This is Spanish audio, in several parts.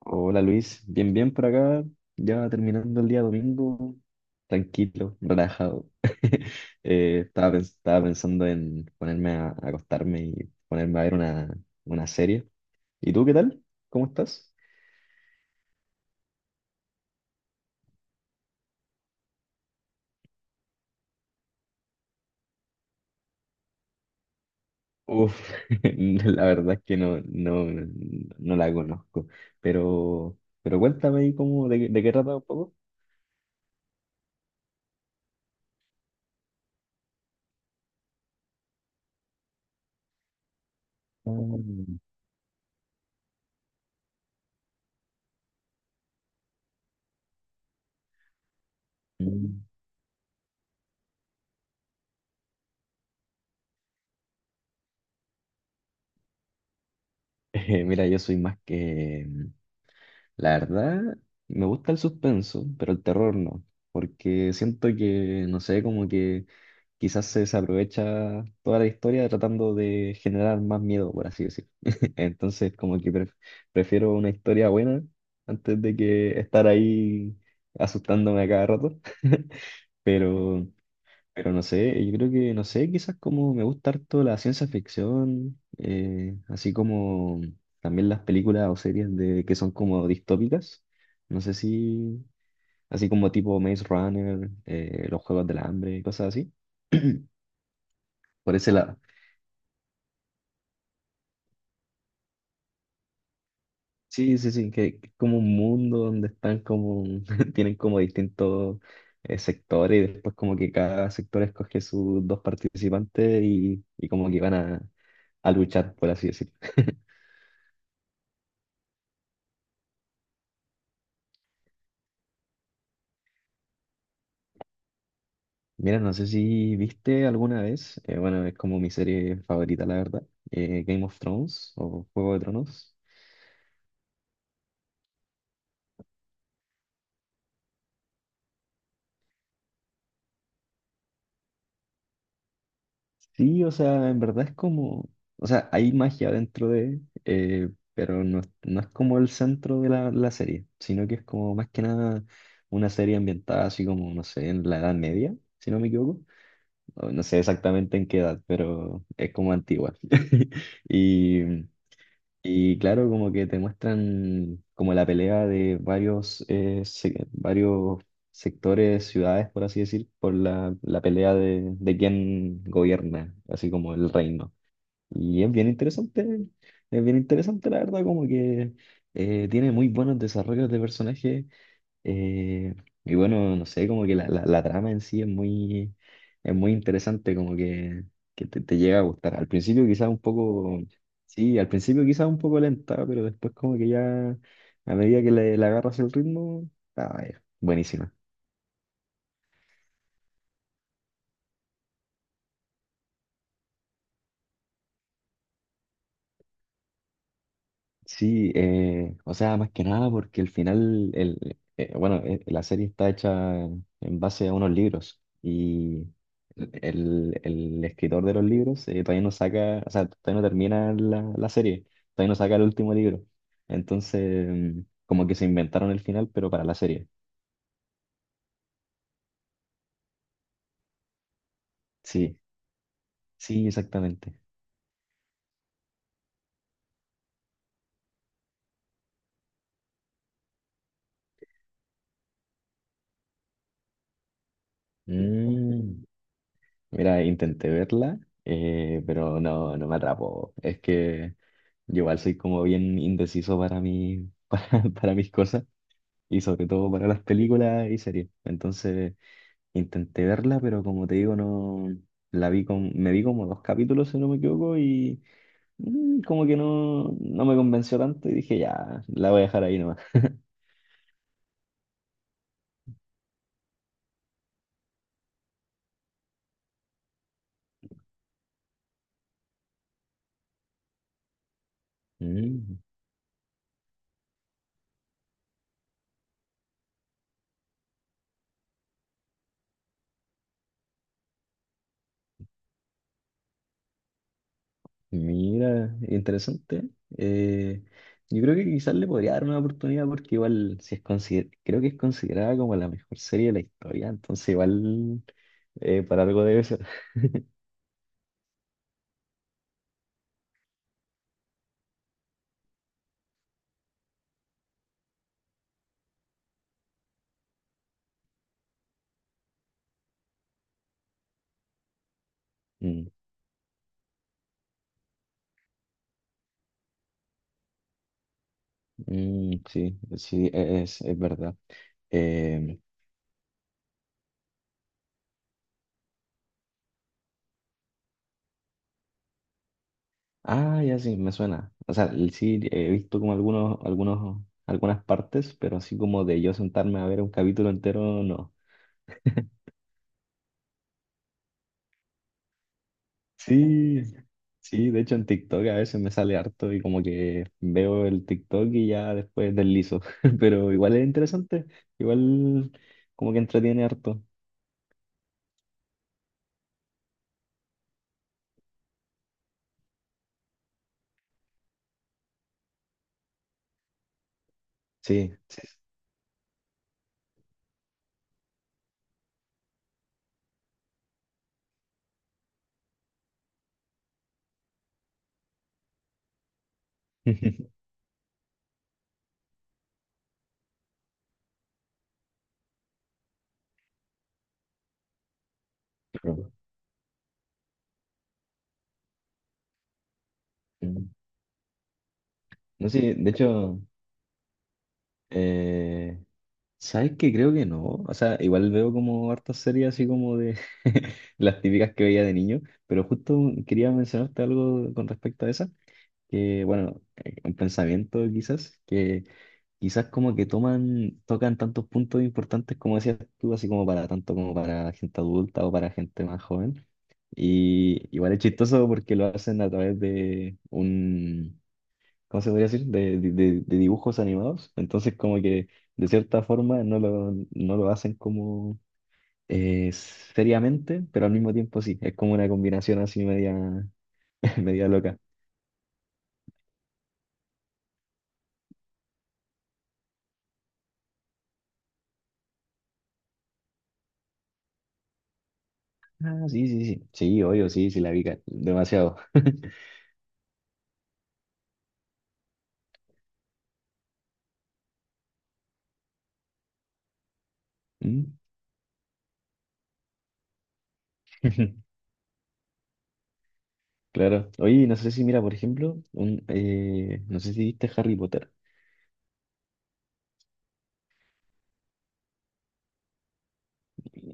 Hola Luis, bien, bien por acá, ya terminando el día domingo, tranquilo, relajado. Estaba pensando en ponerme a acostarme y ponerme a ver una serie. ¿Y tú qué tal? ¿Cómo estás? Uf, la verdad es que no, no la conozco, pero cuéntame ahí cómo, de qué trata un poco. Mm. Mm. Mira, yo soy más que, La verdad, me gusta el suspenso, pero el terror no, porque siento que, no sé, como que quizás se desaprovecha toda la historia tratando de generar más miedo, por así decir. Entonces, como que prefiero una historia buena antes de que estar ahí asustándome a cada rato. Pero pero no sé, yo creo que, no sé, quizás como me gusta harto la ciencia ficción, así como también las películas o series que son como distópicas. No sé si, Así como tipo Maze Runner, los Juegos del Hambre, cosas así. Por ese lado. Sí, sí, sí, que es como un mundo donde están como, tienen como distintos sectores y después como que cada sector escoge sus dos participantes y como que van a luchar, por así decirlo. Mira, no sé si viste alguna vez, bueno, es como mi serie favorita, la verdad, Game of Thrones o Juego de Tronos. Sí, o sea, en verdad es como, o sea, hay magia dentro de, eh, pero no, no es como el centro de la serie, sino que es como más que nada una serie ambientada así como, no sé, en la Edad Media, si no me equivoco. O no sé exactamente en qué edad, pero es como antigua. Y Y claro, como que te muestran como la pelea de varios, varios sectores, ciudades, por así decir, por la pelea de quién gobierna, así como el reino. Y es bien interesante la verdad, como que tiene muy buenos desarrollos de personajes, eh, y bueno, no sé, como que la trama en sí es muy interesante, como que te llega a gustar. Al principio quizás un poco, sí, al principio quizás un poco lenta, pero después como que ya, a medida que le agarras el ritmo, ah, es buenísima. Sí, o sea, más que nada porque el final, la serie está hecha en base a unos libros y el escritor de los libros todavía no saca, o sea, todavía no termina la serie, todavía no saca el último libro. Entonces, como que se inventaron el final, pero para la serie. Sí, sí, exactamente. Mira, intenté verla, pero no, no me atrapó. Es que yo igual soy como bien indeciso para mi, para mis cosas y sobre todo para las películas y series. Entonces intenté verla, pero como te digo, no la vi con, me vi como dos capítulos, si no me equivoco, y como que no, no me convenció tanto y dije, ya, la voy a dejar ahí nomás. Mm. Mira, interesante. Eh, yo creo que quizás le podría dar una oportunidad porque igual si es creo que es considerada como la mejor serie de la historia, entonces igual, para algo debe ser. Mm, sí, sí, es verdad. Eh, ah, ya sí, me suena. O sea, sí, he visto como algunos, algunas partes, pero así como de yo sentarme a ver un capítulo entero, no. Sí, sí, de hecho en TikTok a veces me sale harto y como que veo el TikTok y ya después deslizo, pero igual es interesante, igual como que entretiene harto. Sí, sí. Pero, mm, no sé, de hecho, eh, ¿sabes qué? Creo que no. O sea, igual veo como hartas series así como de las típicas que veía de niño, pero justo quería mencionarte algo con respecto a esa, que bueno, un pensamiento quizás, que quizás como que tocan tantos puntos importantes como decías tú, así como para tanto como para gente adulta o para gente más joven. Y igual es chistoso porque lo hacen a través de un, ¿cómo se podría decir? De dibujos animados. Entonces como que de cierta forma no no lo hacen como seriamente, pero al mismo tiempo sí, es como una combinación así media, media loca. Ah, sí, sí, sí, sí, obvio, sí, sí, la vi demasiado. ¿Mm? Claro. Oye, no sé si, mira, por ejemplo, un, no sé si viste Harry Potter.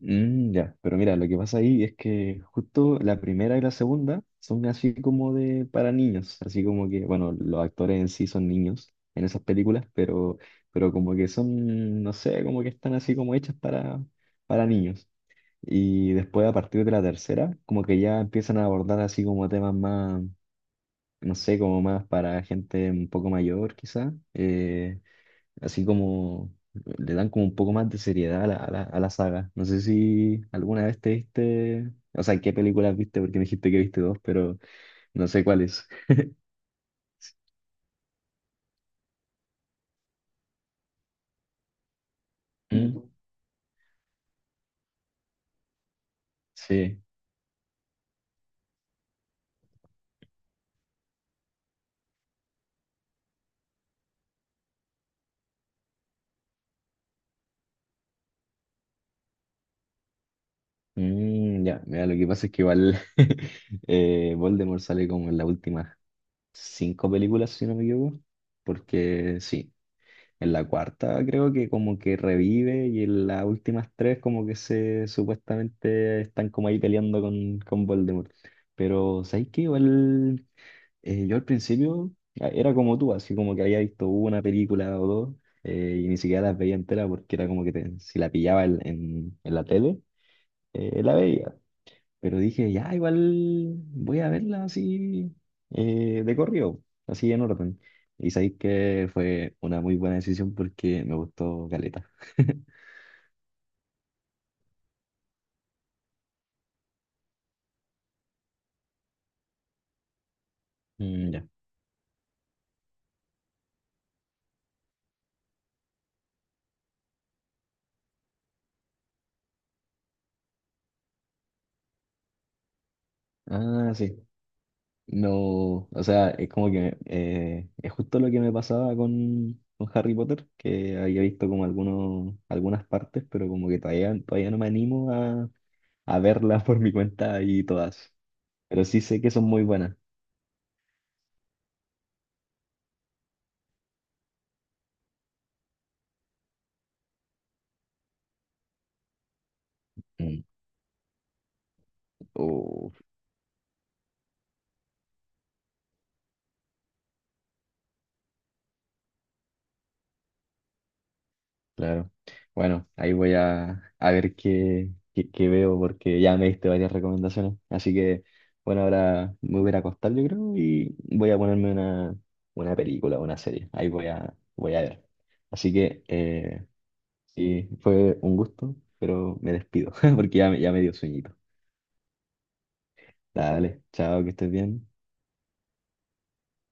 Mm, ya, pero mira, lo que pasa ahí es que justo la primera y la segunda son así como de para niños, así como que, bueno, los actores en sí son niños en esas películas, pero como que son, no sé, como que están así como hechas para niños. Y después a partir de la tercera, como que ya empiezan a abordar así como temas más, no sé, como más para gente un poco mayor quizá, así como le dan como un poco más de seriedad a a la saga. No sé si alguna vez te viste, o sea, qué películas viste, porque me dijiste que viste dos, pero no sé cuáles. Mm, sí. Mm, ya, mira, lo que pasa es que igual Voldemort sale como en las últimas cinco películas, si no me equivoco, porque sí, en la cuarta creo que como que revive y en las últimas tres como que se supuestamente están como ahí peleando con Voldemort. Pero ¿sabes qué? Igual, yo al principio era como tú, así como que había visto una película o dos, y ni siquiera las veía entera porque era como que si la pillaba en, en la tele, la veía. Pero dije, ya, igual voy a verla así, de corrido, así en orden. Y sabéis que fue una muy buena decisión porque me gustó Caleta. Mm, ya. Ah, sí. No, o sea, es como que es justo lo que me pasaba con Harry Potter, que había visto como algunos, algunas partes, pero como que todavía, todavía no me animo a verlas por mi cuenta y todas. Pero sí sé que son muy buenas. Mm. Oh, claro. Bueno, ahí voy a ver qué, qué, qué veo porque ya me diste varias recomendaciones. Así que, bueno, ahora me voy a ir a acostar, yo creo, y voy a ponerme una película, una serie. Ahí voy a, voy a ver. Así que, sí, fue un gusto, pero me despido porque ya, ya me dio sueñito. Dale, chao, que estés bien.